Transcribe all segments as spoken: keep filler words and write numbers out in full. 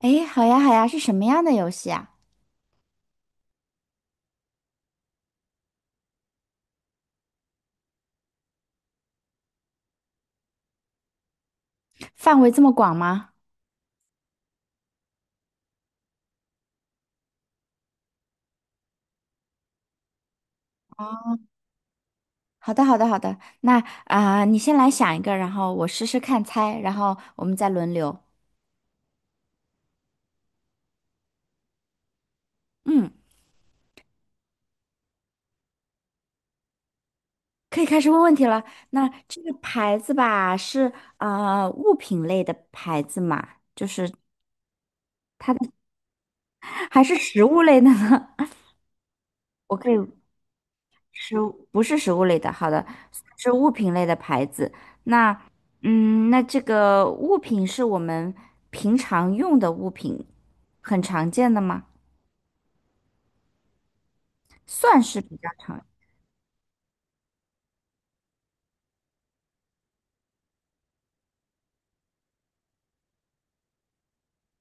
诶，好呀，好呀，是什么样的游戏啊？范围这么广吗？好的，好的，好的。那啊、你先来想一个，然后我试试看猜，然后我们再轮流。嗯，可以开始问问题了。那这个牌子吧，是啊，物品类的牌子嘛？就是它的，还是食物类的呢？我可以。食物不是食物类的，好的，是物品类的牌子。那，嗯，那这个物品是我们平常用的物品，很常见的吗？算是比较常，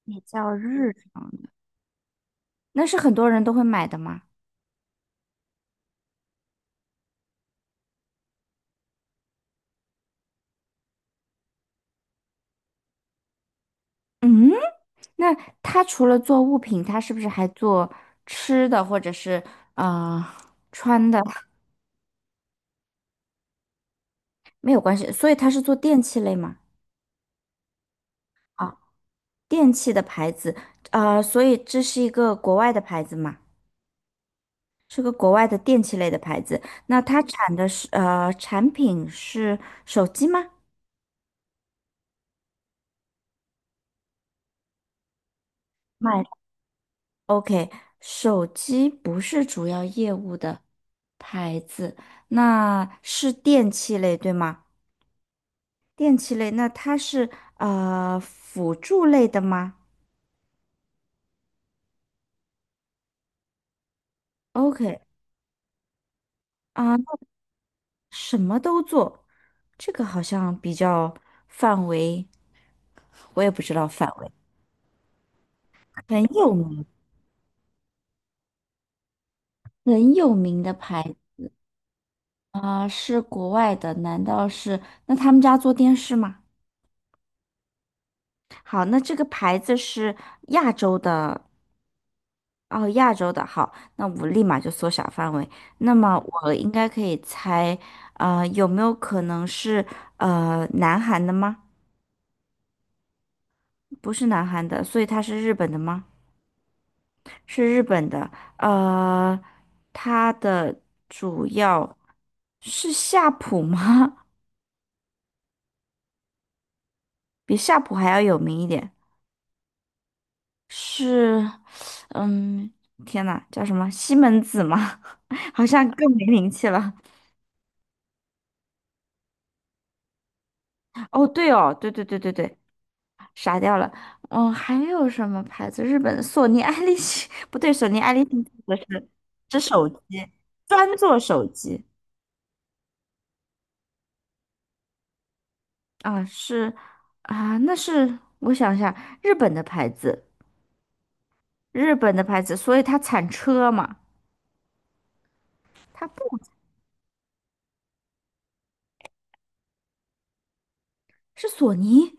比较日常的。那是很多人都会买的吗？嗯，那它除了做物品，它是不是还做吃的或者是啊穿的？没有关系，所以它是做电器类吗？啊，电器的牌子，呃，所以这是一个国外的牌子吗？是个国外的电器类的牌子，那它产的是呃产品是手机吗？卖 o k 手机不是主要业务的牌子，那是电器类对吗？电器类，那它是呃辅助类的吗？OK，啊，那什么都做，这个好像比较范围，我也不知道范围，很有名，很有名的牌。啊、是国外的，难道是？那他们家做电视吗？好，那这个牌子是亚洲的，哦，亚洲的。好，那我立马就缩小范围。那么我应该可以猜，呃，有没有可能是呃南韩的吗？不是南韩的，所以它是日本的吗？是日本的。呃，它的主要是夏普吗？比夏普还要有名一点。是，嗯，天呐，叫什么西门子吗？好像更没名气了。哦，对哦，对对对对对，傻掉了。嗯，还有什么牌子？日本的索尼爱立信，不对，索尼爱立信做的是是手机，专做手机啊，是啊，那是我想一下，日本的牌子，日本的牌子，所以它产车嘛，它不是索尼。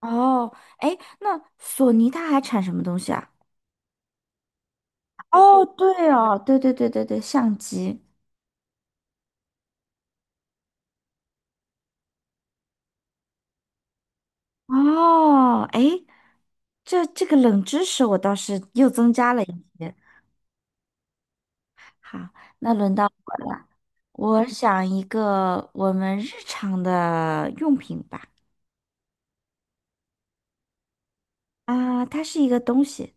哦，哎，那索尼它还产什么东西啊？哦，对哦，对对对对对，相机。哦，哎，这这个冷知识我倒是又增加了一些。好，那轮到我了，我想一个我们日常的用品吧。啊，它是一个东西。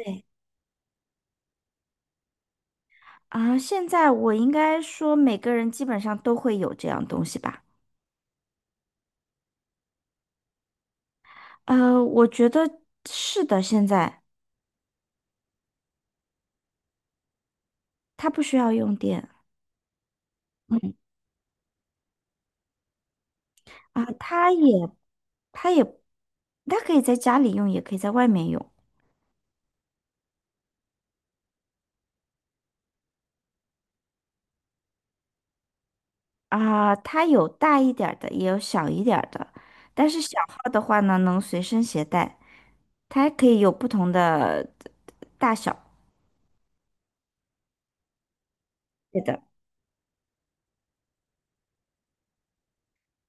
对。啊，现在我应该说每个人基本上都会有这样东西吧？呃，我觉得是的，现在它不需要用电。嗯啊，它也它也，它可以在家里用，也可以在外面用啊。它有大一点儿的，也有小一点儿的。但是小号的话呢，能随身携带，它还可以有不同的大小。是的，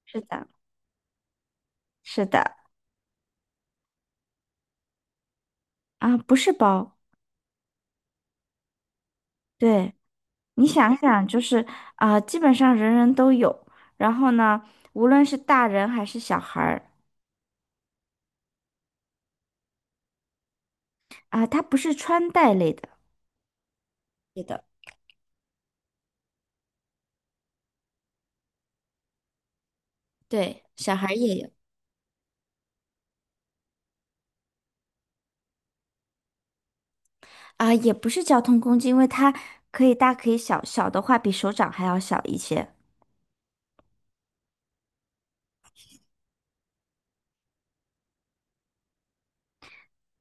是的，是的啊，不是包。对，你想想，就是啊，基本上人人都有。然后呢，无论是大人还是小孩儿啊，它不是穿戴类的。是的，对，小孩儿也有。啊，也不是交通工具，因为它可以大可以小，小的话比手掌还要小一些，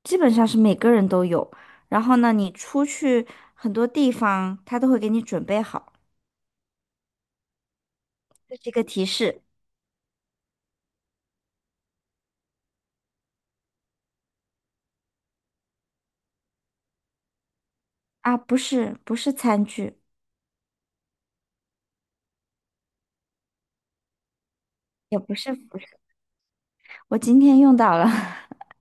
基本上是每个人都有。然后呢，你出去很多地方，他都会给你准备好，这是一个提示啊，不是不是餐具，也不是不是。我今天用到了，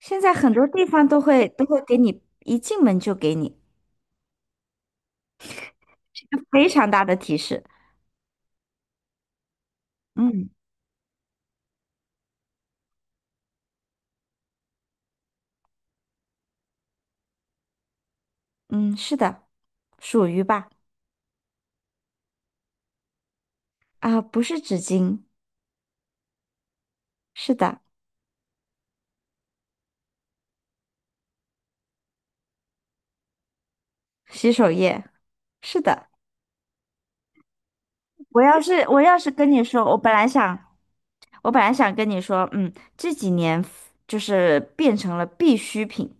现在很多地方都会都会给你，一进门就给你，是一个非常大的提示。嗯嗯，是的，属于吧？啊，不是纸巾，是的，洗手液，是的。我要是我要是跟你说，我本来想，我本来想跟你说，嗯，这几年就是变成了必需品。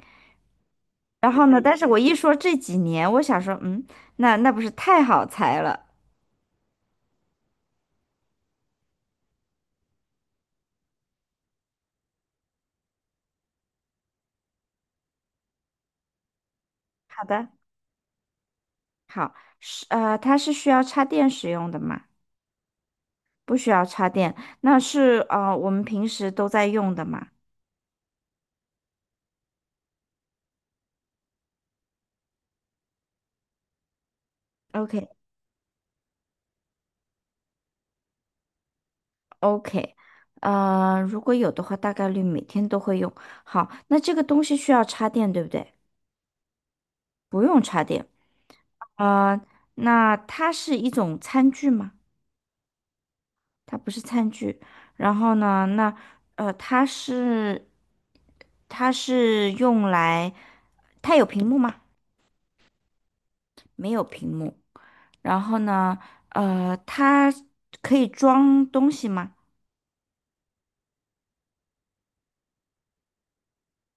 然后呢，但是我一说这几年，我想说，嗯，那那不是太好猜了。好的，好，是呃，它是需要插电使用的吗？不需要插电，那是呃我们平时都在用的嘛。o k o k 呃，如果有的话，大概率每天都会用。好，那这个东西需要插电，对不对？不用插电。呃，那它是一种餐具吗？它不是餐具。然后呢，那呃，它是它是用来，它有屏幕吗？然后呢，呃，它可以装东西吗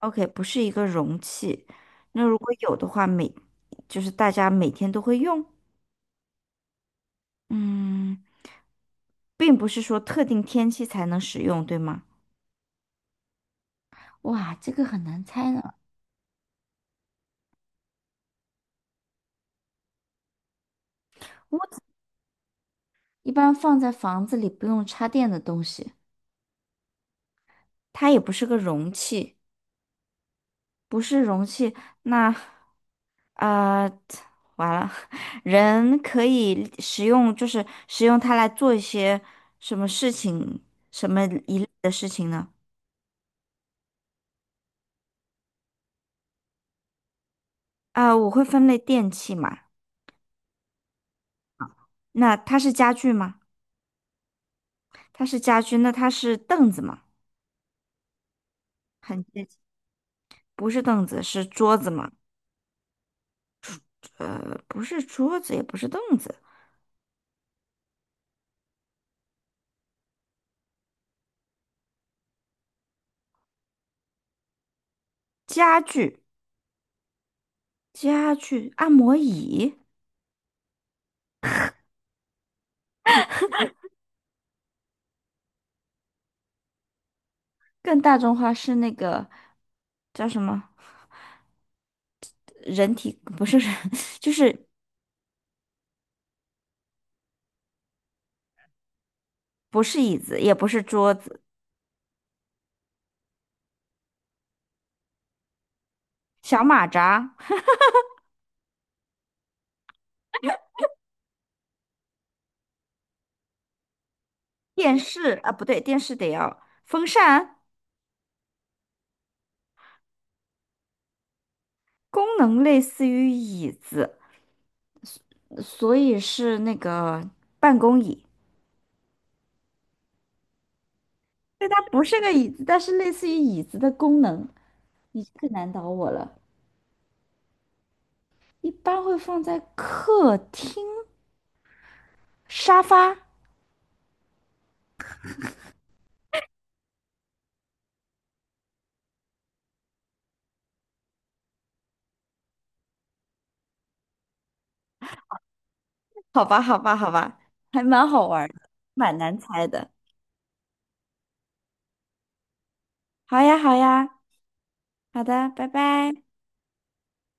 ？OK，不是一个容器。那如果有的话，每就是大家每天都会用。嗯，并不是说特定天气才能使用，对吗？哇，这个很难猜呢。一般放在房子里不用插电的东西，它也不是个容器，不是容器，那啊、呃完了，人可以使用，就是使用它来做一些什么事情，什么一类的事情呢？啊、我会分类电器嘛，那它是家具吗？它是家具，那它是凳子吗？很接近，不是凳子，是桌子嘛？呃，不是桌子，也不是凳子，家具，家具，按摩椅。更大众化是那个叫什么？人体不是人，就是不是椅子，也不是桌子，小马扎、电视啊，不对，电视得要风扇，功能类似于椅子，所以是那个办公椅。对，它不是个椅子，但是类似于椅子的功能。你这个难倒我了，一般会放在客厅沙发。好吧，好吧，好吧，还蛮好玩儿的，蛮难猜的。好呀，好呀，好的，拜拜。